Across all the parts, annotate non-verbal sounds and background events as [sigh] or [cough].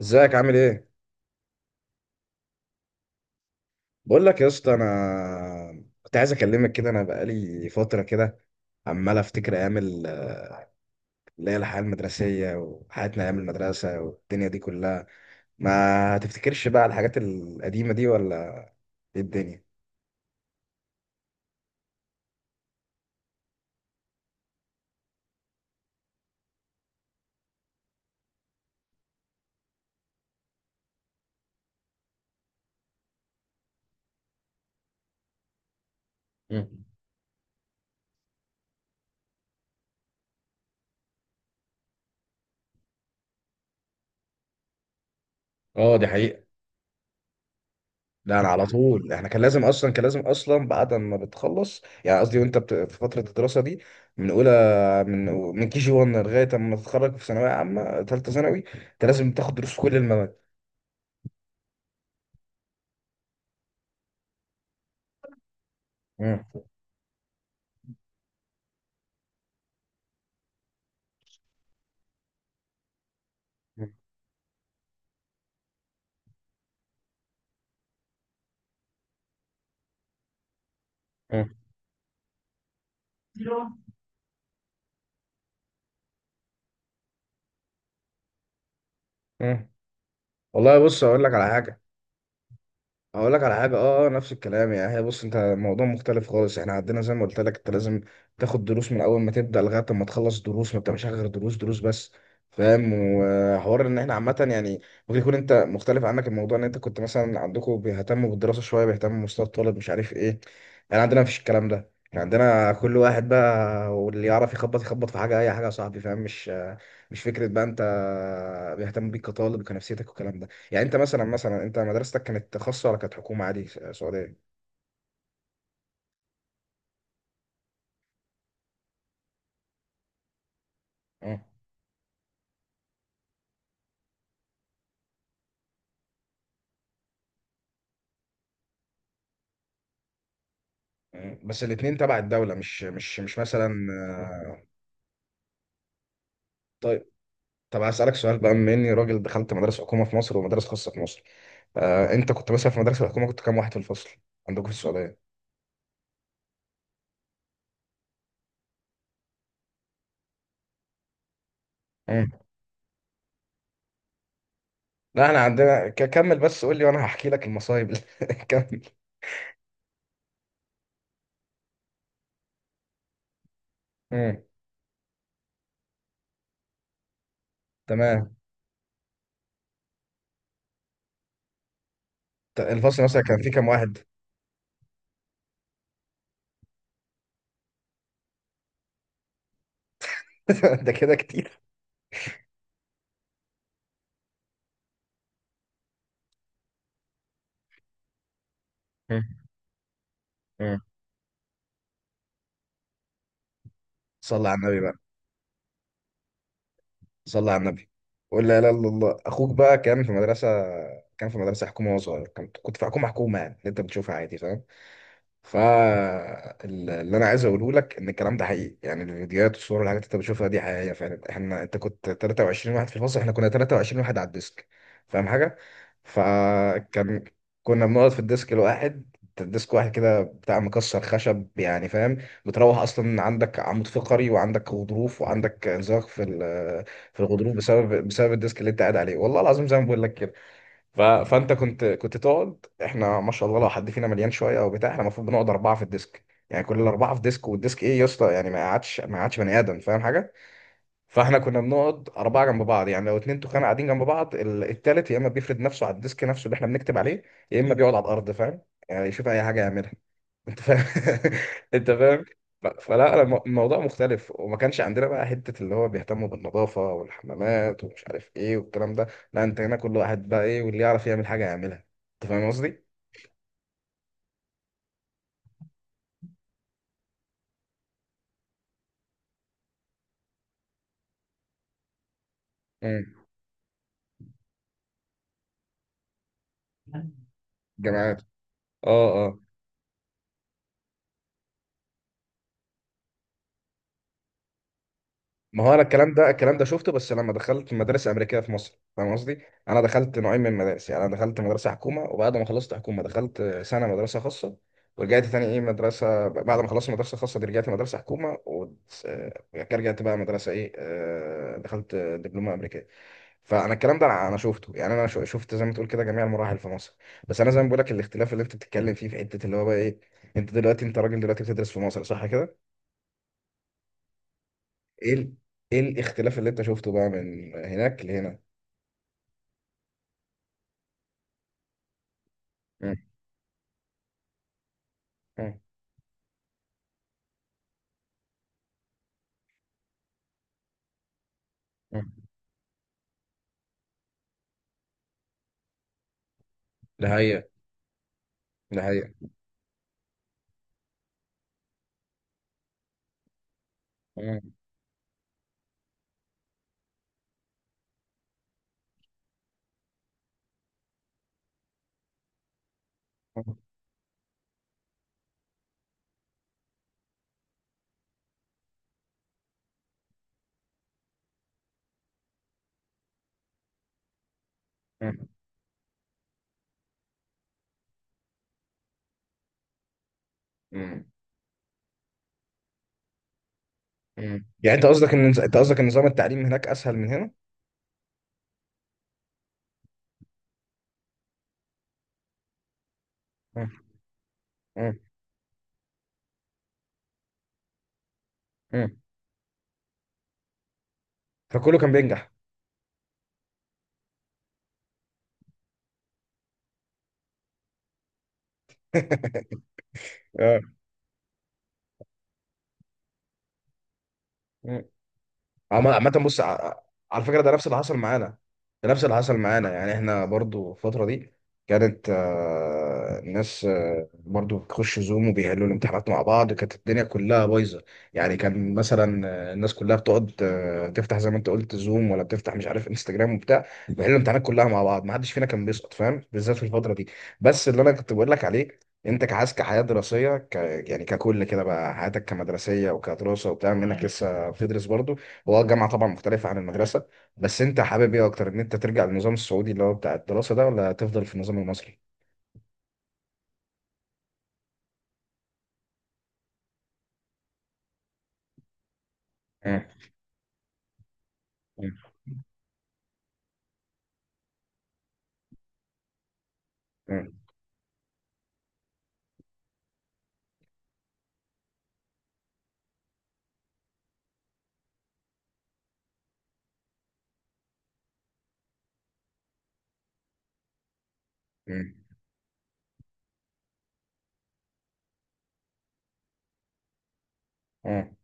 ازيك عامل ايه؟ بقول لك يا اسطى انا كنت عايز اكلمك كده. انا بقالي فتره كده عمال افتكر ايام اللي هي الحياه المدرسيه وحياتنا ايام المدرسه والدنيا دي كلها. ما تفتكرش بقى الحاجات القديمه دي، ولا ايه الدنيا؟ مم. اه، دي حقيقة. لا، انا على طول، احنا كان لازم اصلا، بعد ما بتخلص، يعني قصدي في فترة الدراسة دي، من اولى من من كي جي 1 لغاية اما تتخرج في ثانوية عامة ثالثة ثانوي، انت لازم تاخد دروس في كل المواد. مم. مم. مم. والله بص، اقول لك على حاجه. اقول لك على حاجه. نفس الكلام يعني. هي بص انت، الموضوع مختلف خالص. احنا عندنا زي ما قلت لك، انت لازم تاخد دروس من اول ما تبدا لغايه ما تخلص دروس. ما بتعملش حاجه غير دروس، دروس بس، فاهم. وحوار ان احنا عامه يعني. ممكن يكون انت مختلف عنك، الموضوع ان انت كنت مثلا عندكم بيهتموا بالدراسه شويه، بيهتموا بمستوى الطالب، مش عارف ايه. يعني عندنا مفيش الكلام ده. يعني عندنا كل واحد بقى، واللي يعرف يخبط يخبط في حاجه، اي حاجه يا صاحبي، فاهم. مش مش فكره بقى انت بيهتم بيك كطالب وكنفسيتك والكلام ده. يعني انت مثلا، مثلا انت مدرستك كانت خاصه ولا كانت حكومه عادي سعوديه؟ مم. مم. بس الاثنين تبع الدوله، مش مثلا... آه، طيب. طب هسألك سؤال بقى، بما اني راجل دخلت مدرسه حكومه في مصر ومدارس خاصه في مصر. آه، انت كنت مثلا في مدرسه الحكومه كنت كام واحد في الفصل عندكم في السعوديه؟ مم. لا، احنا عندنا كمل بس قول لي وانا هحكي لك المصايب اللي- [laughs] كمل. مم. تمام. الفصل مثلا كان فيه كام واحد؟ [laughs] ده كده كتير. مم. مم. صلى على النبي بقى. صلى على النبي. قول لا اله الا الله. اخوك بقى كان في مدرسه، كان في مدرسه حكومه وهو صغير. كنت في حكومه، حكومه يعني اللي انت بتشوفها عادي، فاهم. فاللي انا عايز اقوله لك ان الكلام ده حقيقي. يعني الفيديوهات والصور والحاجات اللي انت بتشوفها دي حقيقيه فعلا. احنا انت كنت 23 واحد في الفصل، احنا كنا 23 واحد على الديسك، فاهم حاجه. فكان، كنا بنقعد في الديسك الواحد. الديسك واحد كده بتاع مكسر خشب يعني، فاهم. بتروح اصلا عندك عمود فقري وعندك غضروف، وعندك انزلاق في في الغضروف بسبب الديسك اللي انت قاعد عليه. والله العظيم زي ما بقول لك كده. فانت كنت تقعد، احنا ما شاء الله لو حد فينا مليان شويه او بتاع، احنا المفروض بنقعد اربعه في الديسك، يعني كل الاربعه في ديسك. والديسك ايه يا اسطى، يعني ما قعدش بني ادم، فاهم حاجه. فاحنا كنا بنقعد اربعه جنب بعض. يعني لو اتنين تخان قاعدين جنب بعض، التالت يا اما بيفرد نفسه على الديسك نفسه اللي احنا بنكتب عليه، يا اما بيقعد على الارض، فاهم. يعني يشوف اي حاجه يعملها. انت فاهم. [laughs] انت فاهم. فلا انا الموضوع مختلف. وما كانش عندنا بقى حته اللي هو بيهتموا بالنظافه والحمامات ومش عارف ايه والكلام ده. لا، انت هنا كل واحد بقى ايه، واللي يعرف يعمل حاجه يعملها. انت فاهم قصدي. امم. جامعات. اه، اه. ما هو انا الكلام ده، الكلام ده شفته بس لما دخلت مدارس امريكيه في مصر، فاهم قصدي. انا دخلت نوعين من المدارس. يعني انا دخلت مدرسه حكومه، وبعد ما خلصت حكومه دخلت سنه مدرسه خاصه، ورجعت تاني ايه مدرسه، بعد ما خلصت مدرسه خاصه دي رجعت مدرسه حكومه، ورجعت بقى مدرسه ايه، آه، دخلت دبلومه امريكيه. فانا الكلام ده أنا شفته. يعني انا شفت زي ما تقول كده جميع المراحل في مصر. بس انا زي ما بقول لك، الاختلاف اللي انت بتتكلم فيه في حته اللي هو بقى ايه، انت دلوقتي، انت راجل دلوقتي بتدرس في مصر صح كده. ايه ال... ايه الاختلاف اللي انت شفته بقى من هناك لهنا؟ مم. مم. مم. ده حقيقة. ده حقيقة. مم. مم. مم. مم. مم. يعني انت قصدك ان، نظام التعليم هناك اسهل من هنا. مم. مم. مم. فكله كان بينجح. اه. عامة بص على فكرة ده نفس اللي حصل معانا. ده نفس اللي حصل معانا. يعني احنا برضو الفترة دي كانت، آه، الناس، آه، برضو بتخش زوم وبيحلوا الامتحانات مع بعض. كانت الدنيا كلها بايظة. يعني كان مثلا، آه، الناس كلها بتقعد، آه، تفتح زي ما انت قلت زوم، ولا بتفتح مش عارف انستجرام وبتاع، بيحلوا الامتحانات كلها مع بعض. ما حدش فينا كان بيسقط، فاهم، بالذات في الفترة دي. بس اللي انا كنت بقول لك عليه، انت كعايز يعني ككل كده بقى، حياتك كمدرسية وكدراسة وبتاع، منك لسه بتدرس برضو. هو الجامعة طبعا مختلفة عن المدرسة. بس انت حابب ايه اكتر، ان انت ترجع للنظام السعودي اللي هو بتاع الدراسة ده، ولا تفضل في النظام المصري؟ مم. مم. مم. مم. مم.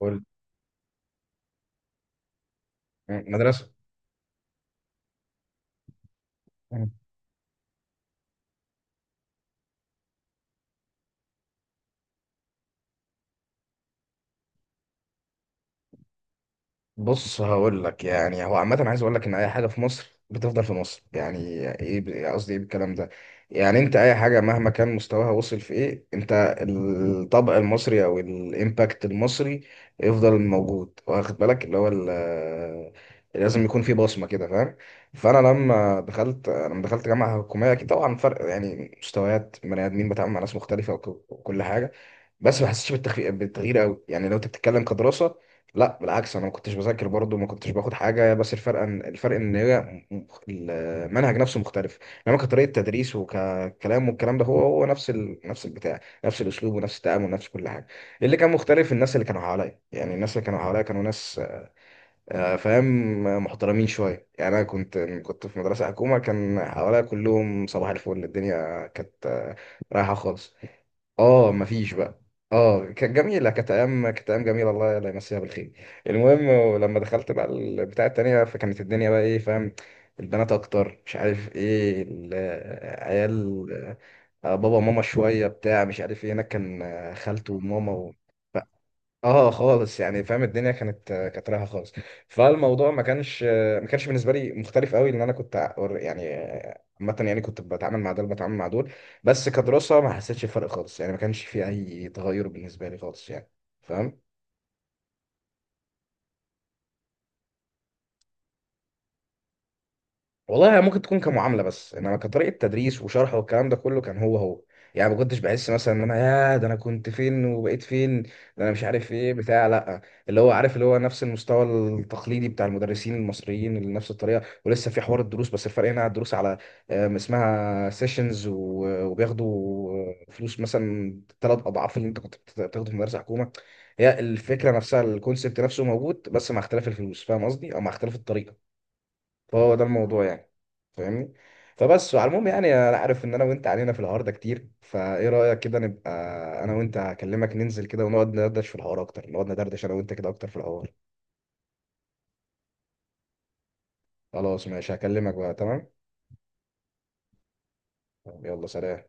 قول. مم. مدرسة. بص هقول لك يعني. هو عامة عايز اقول لك ان اي حاجة في مصر بتفضل في مصر يعني. ايه قصدي ايه بالكلام ده. يعني انت اي حاجة مهما كان مستواها، وصل في ايه، انت الطبع المصري او الامباكت المصري يفضل موجود، واخد بالك، اللي هو لازم يكون في بصمة كده، فاهم. فانا لما دخلت جامعة حكومية، اكيد طبعا فرق يعني، مستويات بني ادمين، بتعامل مع ناس مختلفة وكل حاجة. بس ما حسيتش بالتخفيف بالتغيير قوي، يعني لو انت بتتكلم كدراسه. لا بالعكس، انا ما كنتش بذاكر برضه، ما كنتش باخد حاجه. بس الفرق ان، هي المنهج نفسه مختلف. انما كطريقه تدريس وككلام والكلام ده، هو هو نفس البتاع، نفس الاسلوب ونفس التعامل، نفس كل حاجه. اللي كان مختلف الناس اللي كانوا حواليا. يعني الناس اللي كانوا حواليا كانوا ناس، آه، فاهم، آه، محترمين شويه. يعني انا كنت في مدرسه حكومه كان حواليا كلهم صباح الفل، الدنيا كانت، آه، رايحه خالص. اه، مفيش بقى. اه، كانت جميله. كانت ايام، كانت ايام جميله. الله، الله يمسيها بالخير. المهم، ولما دخلت بقى البتاع التانية، فكانت الدنيا بقى ايه، فاهم، البنات اكتر مش عارف ايه عيال، آه، بابا وماما شويه بتاع مش عارف ايه. هناك كان، آه، خالته وماما. اه خالص يعني فاهم، الدنيا كانت، كانت رايحه خالص. فالموضوع ما كانش، بالنسبه لي مختلف قوي، لان انا كنت يعني عامه يعني، كنت بتعامل مع دول، بتعامل مع دول. بس كدراسه ما حسيتش بفرق خالص، يعني ما كانش في اي تغير بالنسبه لي خالص يعني، فاهم. والله هي ممكن تكون كمعامله، بس انما كطريقه تدريس وشرح والكلام ده كله كان هو هو. يعني ما كنتش بحس مثلا ان انا، يا ده انا كنت فين وبقيت فين ده، انا مش عارف ايه بتاع، لا. اللي هو عارف اللي هو نفس المستوى التقليدي بتاع المدرسين المصريين، اللي نفس الطريقه، ولسه في حوار الدروس. بس الفرق هنا الدروس على، آم، اسمها سيشنز، وبياخدوا فلوس مثلا 3 اضعاف اللي انت كنت بتاخده في مدرسه حكومه. هي الفكره نفسها، الكونسيبت نفسه موجود، بس مع اختلاف الفلوس، فاهم قصدي، او مع اختلاف الطريقه. فهو ده الموضوع يعني. فاهمني. فبس، وعلى المهم يعني، انا عارف ان انا وانت علينا في الحوار ده كتير، فايه رايك كده نبقى انا وانت هكلمك ننزل كده، ونقعد ندردش في الحوار اكتر، نقعد ندردش انا وانت كده اكتر في الحوار. خلاص ماشي، هكلمك بقى تمام. يلا سلام.